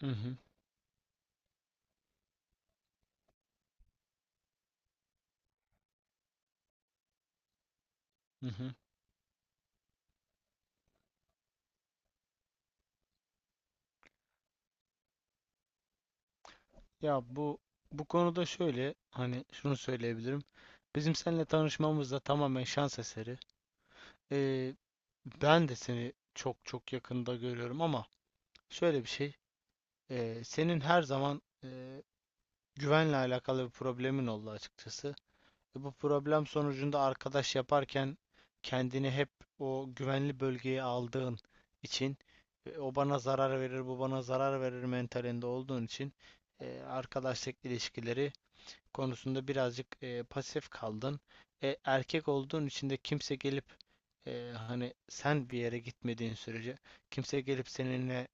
Hı hı, hı hı. Ya bu konuda şöyle hani şunu söyleyebilirim. Bizim seninle tanışmamız da tamamen şans eseri. Ee, Ben de seni çok çok yakında görüyorum ama şöyle bir şey. Senin her zaman güvenle alakalı bir problemin oldu açıkçası. Bu problem sonucunda arkadaş yaparken kendini hep o güvenli bölgeye aldığın için o bana zarar verir, bu bana zarar verir mentalinde olduğun için arkadaşlık ilişkileri konusunda birazcık pasif kaldın. Erkek olduğun için de kimse gelip hani sen bir yere gitmediğin sürece kimse gelip seninle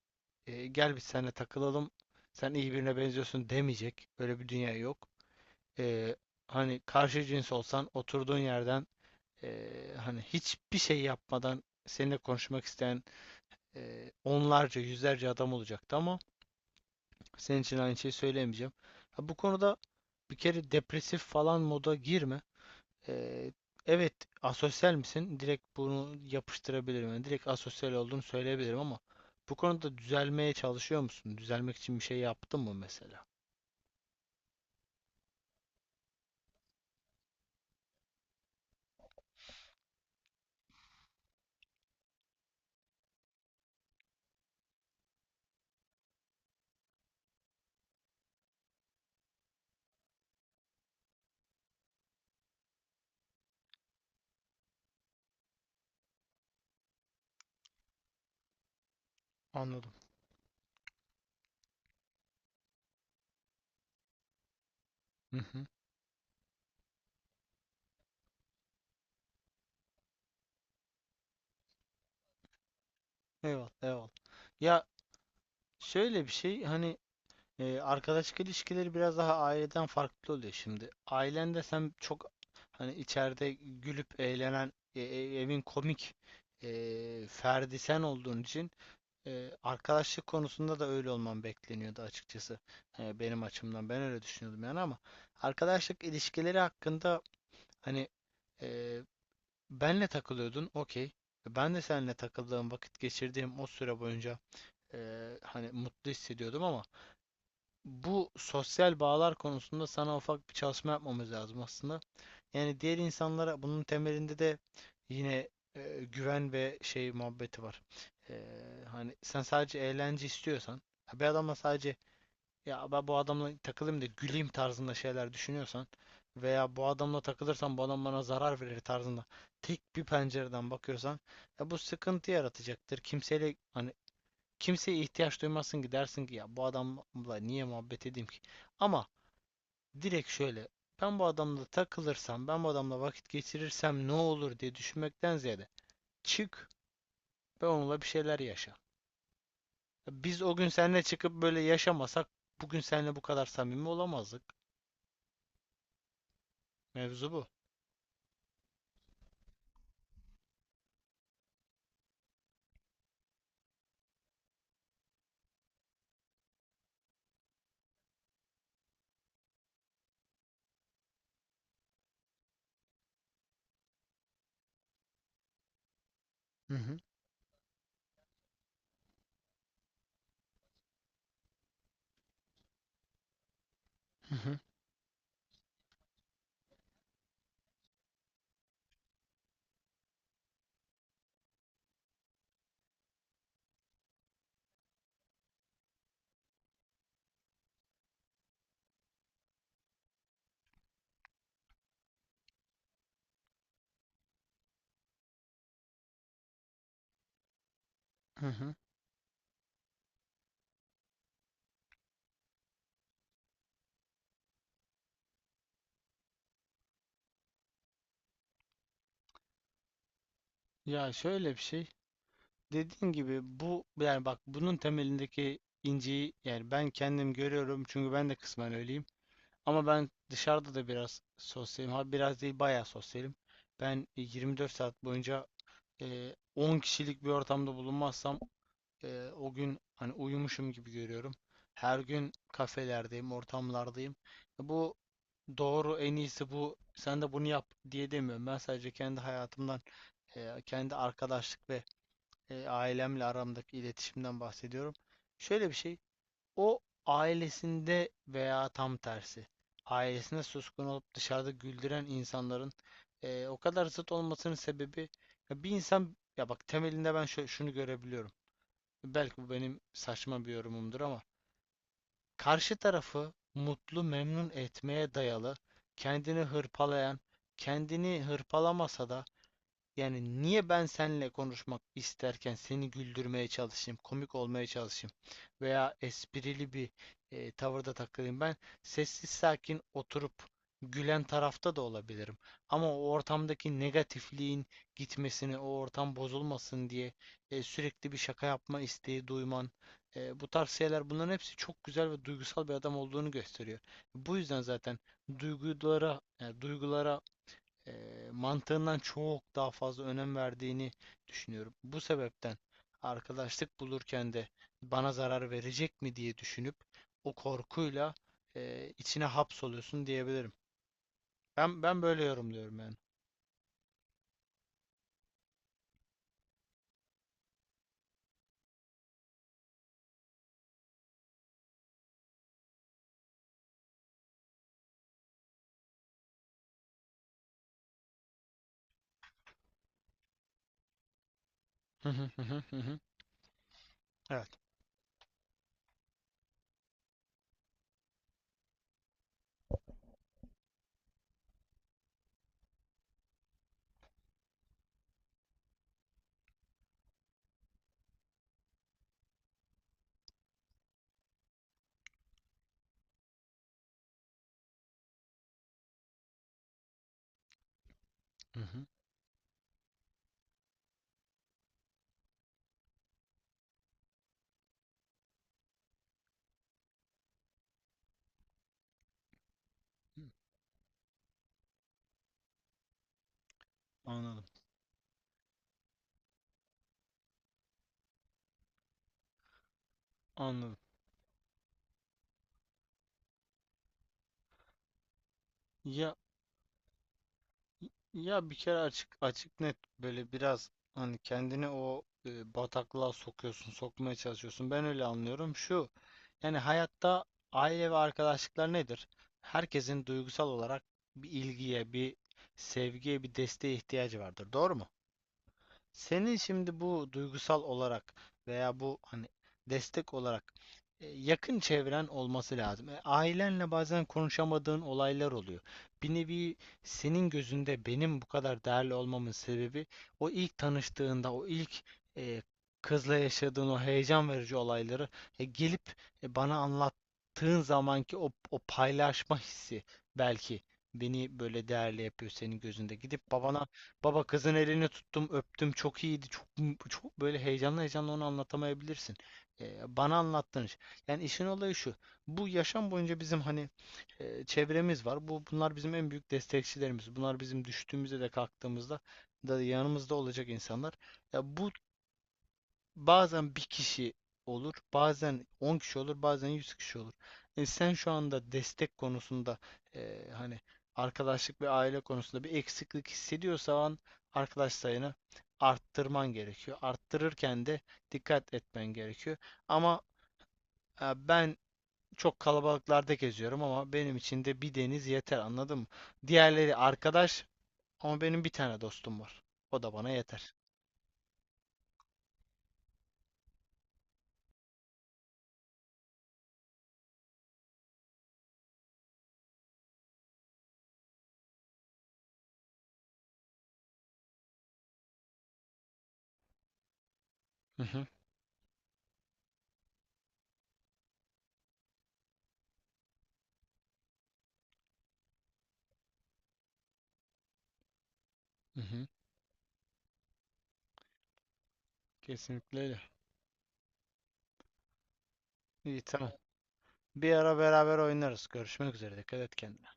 gel biz seninle takılalım, sen iyi birine benziyorsun demeyecek. Böyle bir dünya yok. e, Hani karşı cins olsan oturduğun yerden e, hani hiçbir şey yapmadan seninle konuşmak isteyen onlarca yüzlerce adam olacaktı ama senin için aynı şeyi söyleyemeyeceğim. Ha, bu konuda bir kere depresif falan moda girme. E, evet, asosyal misin? Direkt bunu yapıştırabilirim. Yani direkt asosyal olduğunu söyleyebilirim ama bu konuda düzelmeye çalışıyor musun? Düzelmek için bir şey yaptın mı mesela? Anladım. Hı hı. Eyvallah, eyvallah. Ya şöyle bir şey hani. Arkadaşlık ilişkileri biraz daha aileden farklı oluyor şimdi. Ailende sen çok, hani içeride gülüp eğlenen, evin komik ferdi sen olduğun için arkadaşlık konusunda da öyle olman bekleniyordu açıkçası. Benim açımdan ben öyle düşünüyordum yani, ama arkadaşlık ilişkileri hakkında hani e, benle takılıyordun, okey. Ben de seninle takıldığım, vakit geçirdiğim o süre boyunca e, hani mutlu hissediyordum ama bu sosyal bağlar konusunda sana ufak bir çalışma yapmamız lazım aslında. Yani diğer insanlara, bunun temelinde de yine güven ve şey muhabbeti var. E, Hani sen sadece eğlence istiyorsan, ha bir adamla sadece ya ben bu adamla takılayım da güleyim tarzında şeyler düşünüyorsan veya bu adamla takılırsam bu adam bana zarar verir tarzında tek bir pencereden bakıyorsan ya bu sıkıntı yaratacaktır. Kimseyle hani Kimseye ihtiyaç duymazsın ki, dersin ki ya bu adamla niye muhabbet edeyim ki? Ama direkt şöyle, ben bu adamla takılırsam, ben bu adamla vakit geçirirsem ne olur diye düşünmekten ziyade çık ve onunla bir şeyler yaşa. Biz o gün seninle çıkıp böyle yaşamasak bugün seninle bu kadar samimi olamazdık. Mevzu bu. Hı hı, hı hı, hı hı. Ya şöyle bir şey. Dediğin gibi bu, yani bak bunun temelindeki inciyi yani ben kendim görüyorum çünkü ben de kısmen öyleyim. Ama ben dışarıda da biraz sosyalim. Ha biraz değil, bayağı sosyalim. Ben 24 saat boyunca 10 kişilik bir ortamda bulunmazsam o gün hani uyumuşum gibi görüyorum. Her gün kafelerdeyim, ortamlardayım. Bu doğru, en iyisi bu. Sen de bunu yap diye demiyorum. Ben sadece kendi hayatımdan, kendi arkadaşlık ve ailemle aramdaki iletişimden bahsediyorum. Şöyle bir şey. O ailesinde veya tam tersi ailesinde suskun olup dışarıda güldüren insanların o kadar zıt olmasının sebebi, ya bir insan, ya bak, temelinde ben şunu görebiliyorum. Belki bu benim saçma bir yorumumdur ama karşı tarafı mutlu memnun etmeye dayalı, kendini hırpalayan, kendini hırpalamasa da, yani niye ben seninle konuşmak isterken seni güldürmeye çalışayım, komik olmaya çalışayım veya esprili bir tavırda takılayım? Ben sessiz sakin oturup gülen tarafta da olabilirim. Ama o ortamdaki negatifliğin gitmesini, o ortam bozulmasın diye sürekli bir şaka yapma isteği duyman, bu tarz şeyler, bunların hepsi çok güzel ve duygusal bir adam olduğunu gösteriyor. Bu yüzden zaten duygulara, e, mantığından çok daha fazla önem verdiğini düşünüyorum. Bu sebepten arkadaşlık bulurken de bana zarar verecek mi diye düşünüp, o korkuyla içine hapsoluyorsun diyebilirim. Ben böyle yorumluyorum yani. Hı hı hı hı hı. Evet. Hı hı. Anladım, anladım. Ya Ya bir kere açık açık net böyle biraz hani kendini o bataklığa sokuyorsun, sokmaya çalışıyorsun. Ben öyle anlıyorum. Şu, yani hayatta aile ve arkadaşlıklar nedir? Herkesin duygusal olarak bir ilgiye, bir sevgiye, bir desteğe ihtiyacı vardır. Doğru mu? Senin şimdi bu duygusal olarak veya bu hani destek olarak yakın çevren olması lazım. Ailenle bazen konuşamadığın olaylar oluyor. Bir nevi senin gözünde benim bu kadar değerli olmamın sebebi, o ilk tanıştığında, o ilk e, kızla yaşadığın o heyecan verici olayları gelip bana anlattığın zamanki o paylaşma hissi belki beni böyle değerli yapıyor senin gözünde. Gidip babana, "Baba, kızın elini tuttum, öptüm. Çok iyiydi." Çok çok böyle, heyecanlı heyecanlı onu anlatamayabilirsin. Bana anlattığın iş. Yani işin olayı şu. Bu yaşam boyunca bizim hani çevremiz var. Bunlar bizim en büyük destekçilerimiz. Bunlar bizim düştüğümüzde de kalktığımızda da yanımızda olacak insanlar. Ya bu Bazen bir kişi olur, bazen 10 kişi olur, bazen 100 kişi olur. Sen şu anda destek konusunda, hani arkadaşlık ve aile konusunda bir eksiklik hissediyorsan arkadaş sayını arttırman gerekiyor. Arttırırken de dikkat etmen gerekiyor. Ama ben çok kalabalıklarda geziyorum ama benim için de bir deniz yeter, anladın mı? Diğerleri arkadaş ama benim bir tane dostum var. O da bana yeter. Hı hı, hı hı. Kesinlikle öyle. İyi, tamam. Bir ara beraber oynarız. Görüşmek üzere. Dikkat et kendine.